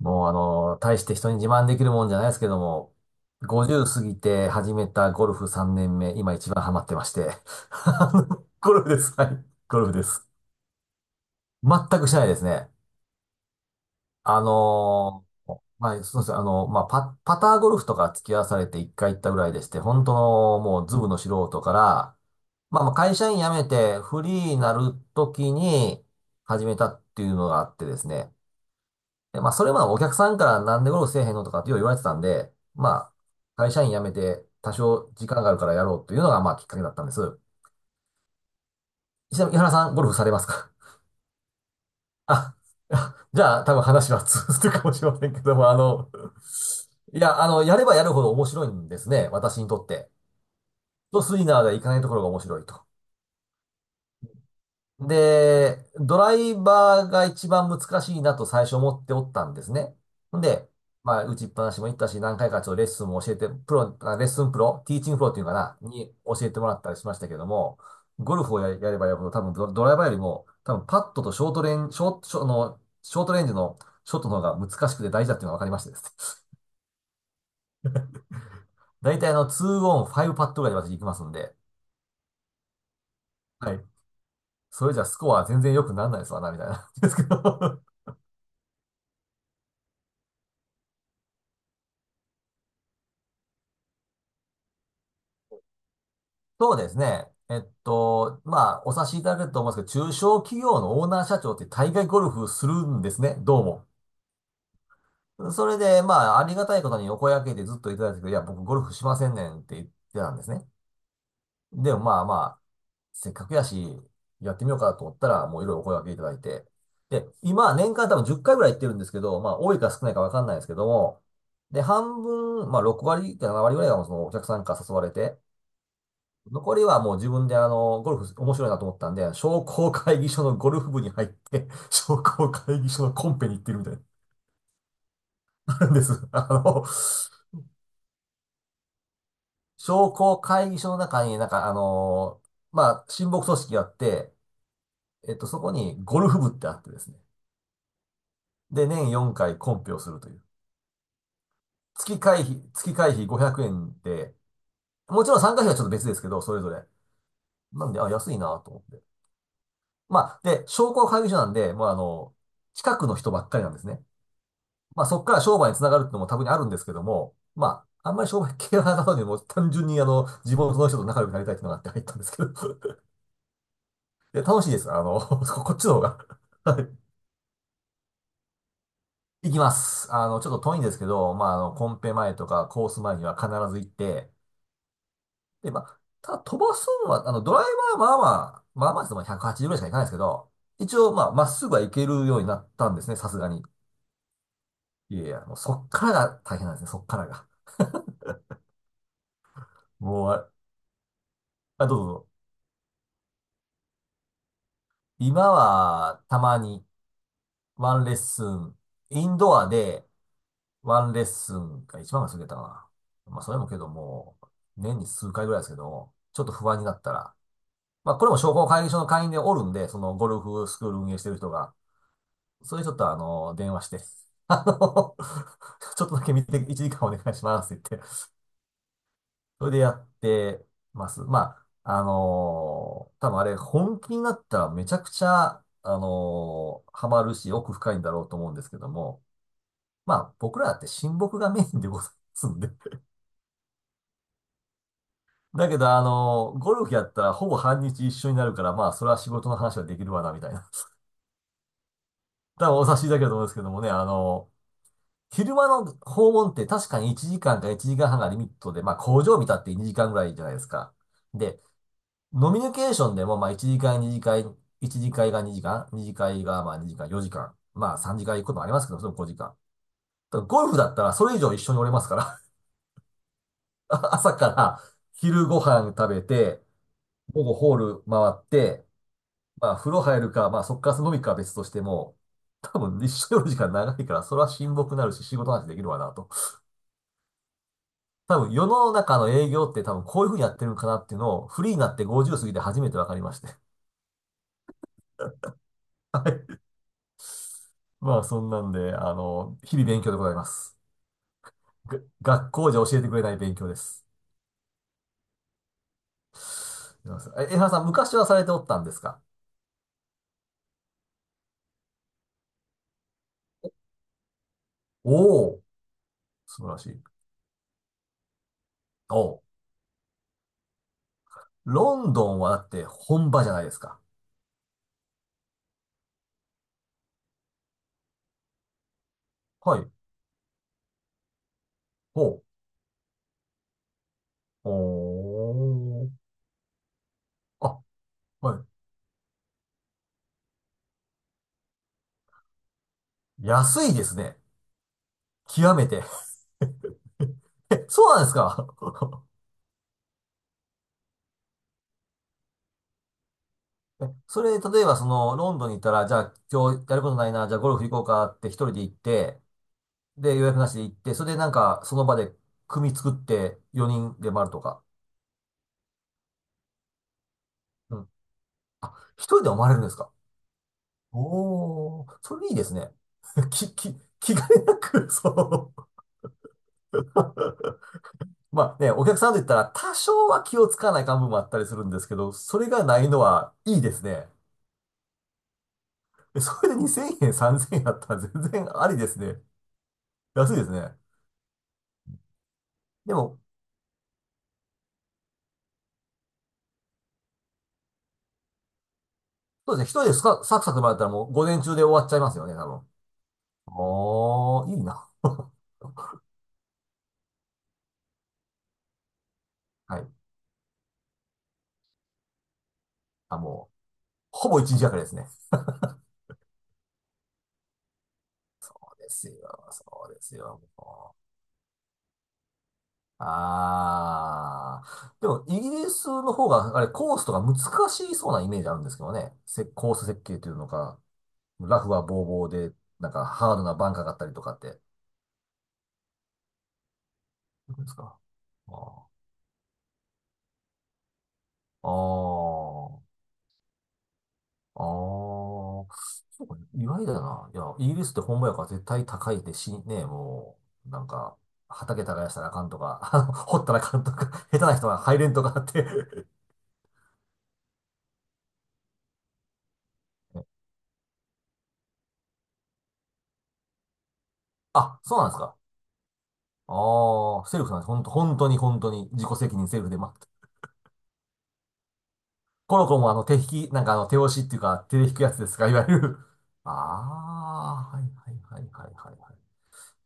もう大して人に自慢できるもんじゃないですけども、50過ぎて始めたゴルフ3年目、今一番ハマってまして。あのゴルフです。はい。ゴルフです。全くしないですね。そうですね。パターゴルフとか付き合わされて1回行ったぐらいでして、本当のもうズブの素人から、まあ会社員辞めてフリーになるときに始めたっていうのがあってですね。でまあ、それまでお客さんからなんでゴルフせえへんのとかってよう言われてたんで、まあ、会社員辞めて多少時間があるからやろうというのが、まあ、きっかけだったんです。ちなみに、井原さん、ゴルフされますか？ あ、じゃあ、多分話は通ずるかもしれませんけども、やればやるほど面白いんですね、私にとって。と、スイナーで行かないところが面白いと。で、ドライバーが一番難しいなと最初思っておったんですね。ほんで、まあ、打ちっぱなしも行ったし、何回かちょっとレッスンも教えて、プロ、あレッスンプロ、ティーチングプロっていうのかな、に教えてもらったりしましたけども、ゴルフをや、やればやるほど、多分ドライバーよりも、多分パットとショートレン、ショート、ショあの、ショートレンジのショットの方が難しくて大事だっていうのが分かりましてですね。大体あの、2オン、5パットぐらいで私行きますんで、はい。それじゃスコア全然良くならないですわな、みたいな。ですけどそうですね。えっと、まあ、お察しいただけると思うんですけど、中小企業のオーナー社長って大概ゴルフするんですね、どうも。それで、まあ、ありがたいことにお声掛けでずっといただいてたけどいや、僕ゴルフしませんねんって言ってたんですね。でもまあ、せっかくやし、やってみようかと思ったら、もういろいろお声掛けいただいて。で、今、年間多分10回ぐらい行ってるんですけど、まあ、多いか少ないかわかんないですけども、で、半分、まあ、6割か7割ぐらいがそのお客さんから誘われて、残りはもう自分であの、ゴルフ面白いなと思ったんで、商工会議所のゴルフ部に入って、商工会議所のコンペに行ってるみたいな、あるんです。あの、商工会議所の中にまあ、親睦組織があって、えっと、そこにゴルフ部ってあってですね。で、年4回コンペをするという。月会費500円で、もちろん参加費はちょっと別ですけど、それぞれ。なんで、あ、安いなと思って。まあ、で、商工会議所なんで、もうあの、近くの人ばっかりなんですね。まあそこから商売につながるってのも多分にあるんですけども、まあ、あんまり商売系はなかったので、もう単純に地元の人と仲良くなりたいっていうのがあって入ったんですけど。で、楽しいです。あの、こっちの方が はい行きます。あの、ちょっと遠いんですけど、コンペ前とかコース前には必ず行って、で、まあ、ただ飛ばすのは、ドライバーはでも180ぐらいしか行かないですけど、一応、まあ、まっすぐは行けるようになったんですね、さすがに。いやいや、もうそっからが大変なんですね、そっからが。もう、あれ、あ、どうぞ。今は、たまに、ワンレッスン、インドアで、ワンレッスンが一番が過ぎたかな。まあ、それもけども、年に数回ぐらいですけど、ちょっと不安になったら、まあ、これも商工会議所の会員でおるんで、そのゴルフスクール運営してる人が、それちょっと電話して、あの、ちょっとだけ見て、1時間お願いしますってそれでやってます。まあ、多分あれ、本気になったらめちゃくちゃ、ハマるし、奥深いんだろうと思うんですけども、まあ、僕らだって親睦がメインでございますんで。だけど、ゴルフやったらほぼ半日一緒になるから、まあ、それは仕事の話はできるわな、みたいな。多分お察しいただけると思うんですけどもね、昼間の訪問って確かに1時間か1時間半がリミットで、まあ工場見たって2時間ぐらいじゃないですか。で、ノミニケーションでも、まあ、1次会が2時間、2次会がまあ2時間、4時間、まあ3次会行くこともありますけど、それも5時間。ただゴルフだったらそれ以上一緒におれますから、朝から昼ご飯食べて、午後ホール回って、まあ風呂入るか、まあそっから飲みかは別としても、多分一緒におる時間長いから、それは親睦になるし仕事の話できるわなと。多分世の中の営業って多分こういうふうにやってるんかなっていうのをフリーになって50過ぎて初めて分かりまして。はいまあ、そんなんで、あの、日々勉強でございます。が学校じゃ教えてくれない勉強です。すいません江原さん、昔はされておったんですか？おおー、素晴らしい。おう、ロンドンはだって本場じゃないですか。はい。ほう。おー。あ、はい。安いですね。極めて。え、そうなんですか？それ、例えばその、ロンドンに行ったら、じゃあ今日やることないな、じゃあゴルフ行こうかって一人で行って、で、予約なしで行って、それでなんか、その場で組作って4人で回るとか。うん。あ、一人でも回れるんですか？おー、それいいですね。き、き、気兼ねなく、そう。まあね、お客さんと言ったら多少は気をつかない感部分もあったりするんですけど、それがないのはいいですね。でそれで2000円、3000円あったら全然ありですね。安いですね。でも、そうですね、一人でスカサクサク回ったらもう午前中で終わっちゃいますよね、多分。おー、いいな。はい。あ、もう。ほぼ一日がかりですね。そうですよ、もう。ああ。でも、イギリスの方が、あれ、コースとか難しそうなイメージあるんですけどね。コース設計というのか、ラフはボーボーで、なんかハードなバンカーがあったりとかって。どうですか？あーあー、あー、そうか、意外だな。いや、イギリスって本場やから絶対高いってし、ね、もう、畑耕したらあかんとか、掘ったらあかんとか、下手な人は入れんとかあって。あ、そうなんですか。ああ、セルフなんです。本当、本当に自己責任セルフで、まあ、コロコロも手引き、手押しっていうか手で引くやつですか、いわゆる。ああ、はいはいはいはいはいはい。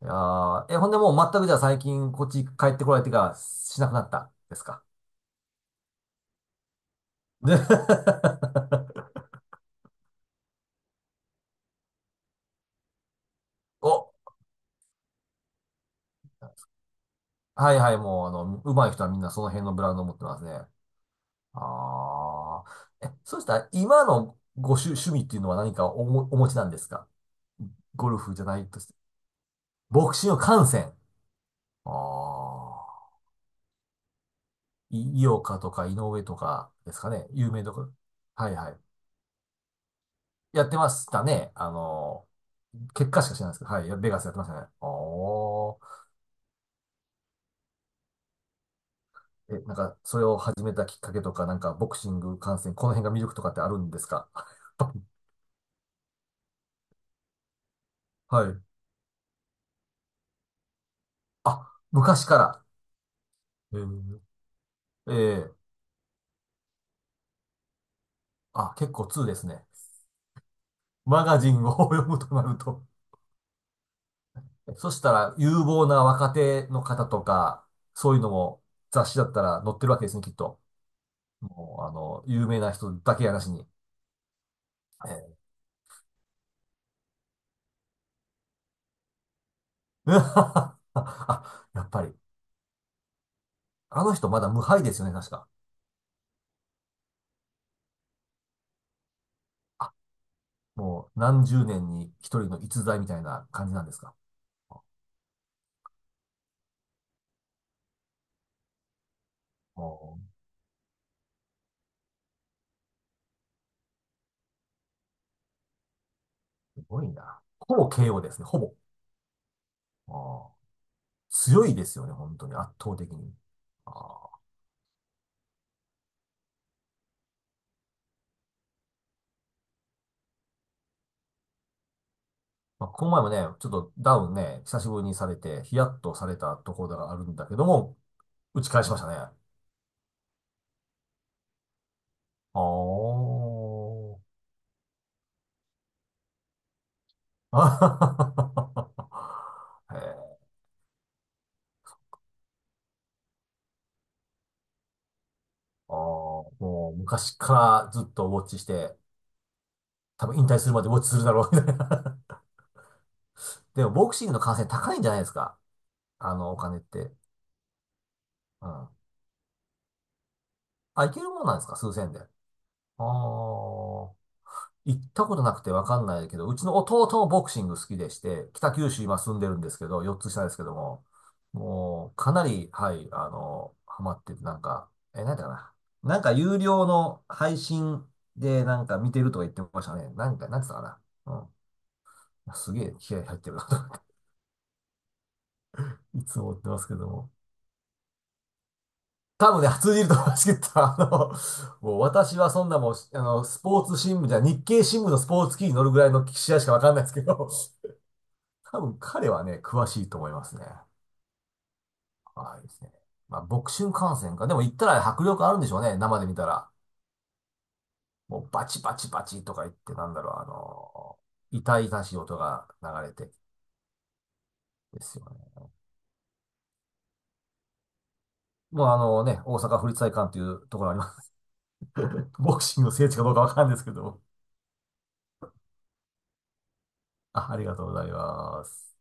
いやーえ、ほんでもう全くじゃあ最近こっち帰ってこられてからしなくなったですか。で お、はいはい、もう上手い人はみんなその辺のブランドを持ってますね。ああ、え、そうしたら今の趣味っていうのは何かお持ちなんですか？ゴルフじゃないとして。ボクシング観戦。ああ。井岡とか井上とかですかね。有名どころ。はいはい。やってましたね。結果しか知らないですけど、はい。ベガスやってましたね。おー。え、それを始めたきっかけとか、ボクシング観戦、この辺が魅力とかってあるんですか？ はい。あ、昔から。えー、えーあ、結構2ですね。マガジンを 読むとなると、そしたら、有望な若手の方とか、そういうのも雑誌だったら載ってるわけですね、きっと。もう、あの、有名な人だけやなしに。ええ。 あ、やっぱり。あの人まだ無敗ですよね、確か。あ、もう何十年に一人の逸材みたいな感じなんですか。もう、すごいな。ほぼ KO ですね、ほぼ。あー、強いですよね、本当に、圧倒的に。あー、まあ、この前もね、ちょっとダウンね、久しぶりにされて、ヒヤッとされたところがあるんだけども、打ち返しましたね。あー、あ。へえ。ああ、もう昔からずっとウォッチして、多分引退するまでウォッチするだろう、みたいな。でもボクシングの観戦高いんじゃないですか。あの、お金って。うん。あ、いけるもんなんですか数千で。ああ。行ったことなくてわかんないけど、うちの弟もボクシング好きでして、北九州今住んでるんですけど、4つ下ですけども、もうかなり、はい、あの、ハマってて、なんか、え、なんだかな。なんか有料の配信でなんか見てるとか言ってましたね。なんか、なんつったかな。うん。すげえ気合入ってるなとか いつも思ってますけども。多分ね、通じると思いますけど、あの、もう私はそんなもう、あの、スポーツ新聞じゃ、日経新聞のスポーツ記事に載るぐらいの試合しかわかんないですけど、多分彼はね、詳しいと思いますね。はいですね。まあ、ボクシング観戦か。でも行ったら迫力あるんでしょうね。生で見たら。もうバチバチバチとか言って、なんだろう、あの痛々しい音が流れてですよね。もうあのね、大阪府立体育館というところあります。ボクシングの聖地かどうかわかんないですけども。あ、ありがとうございます。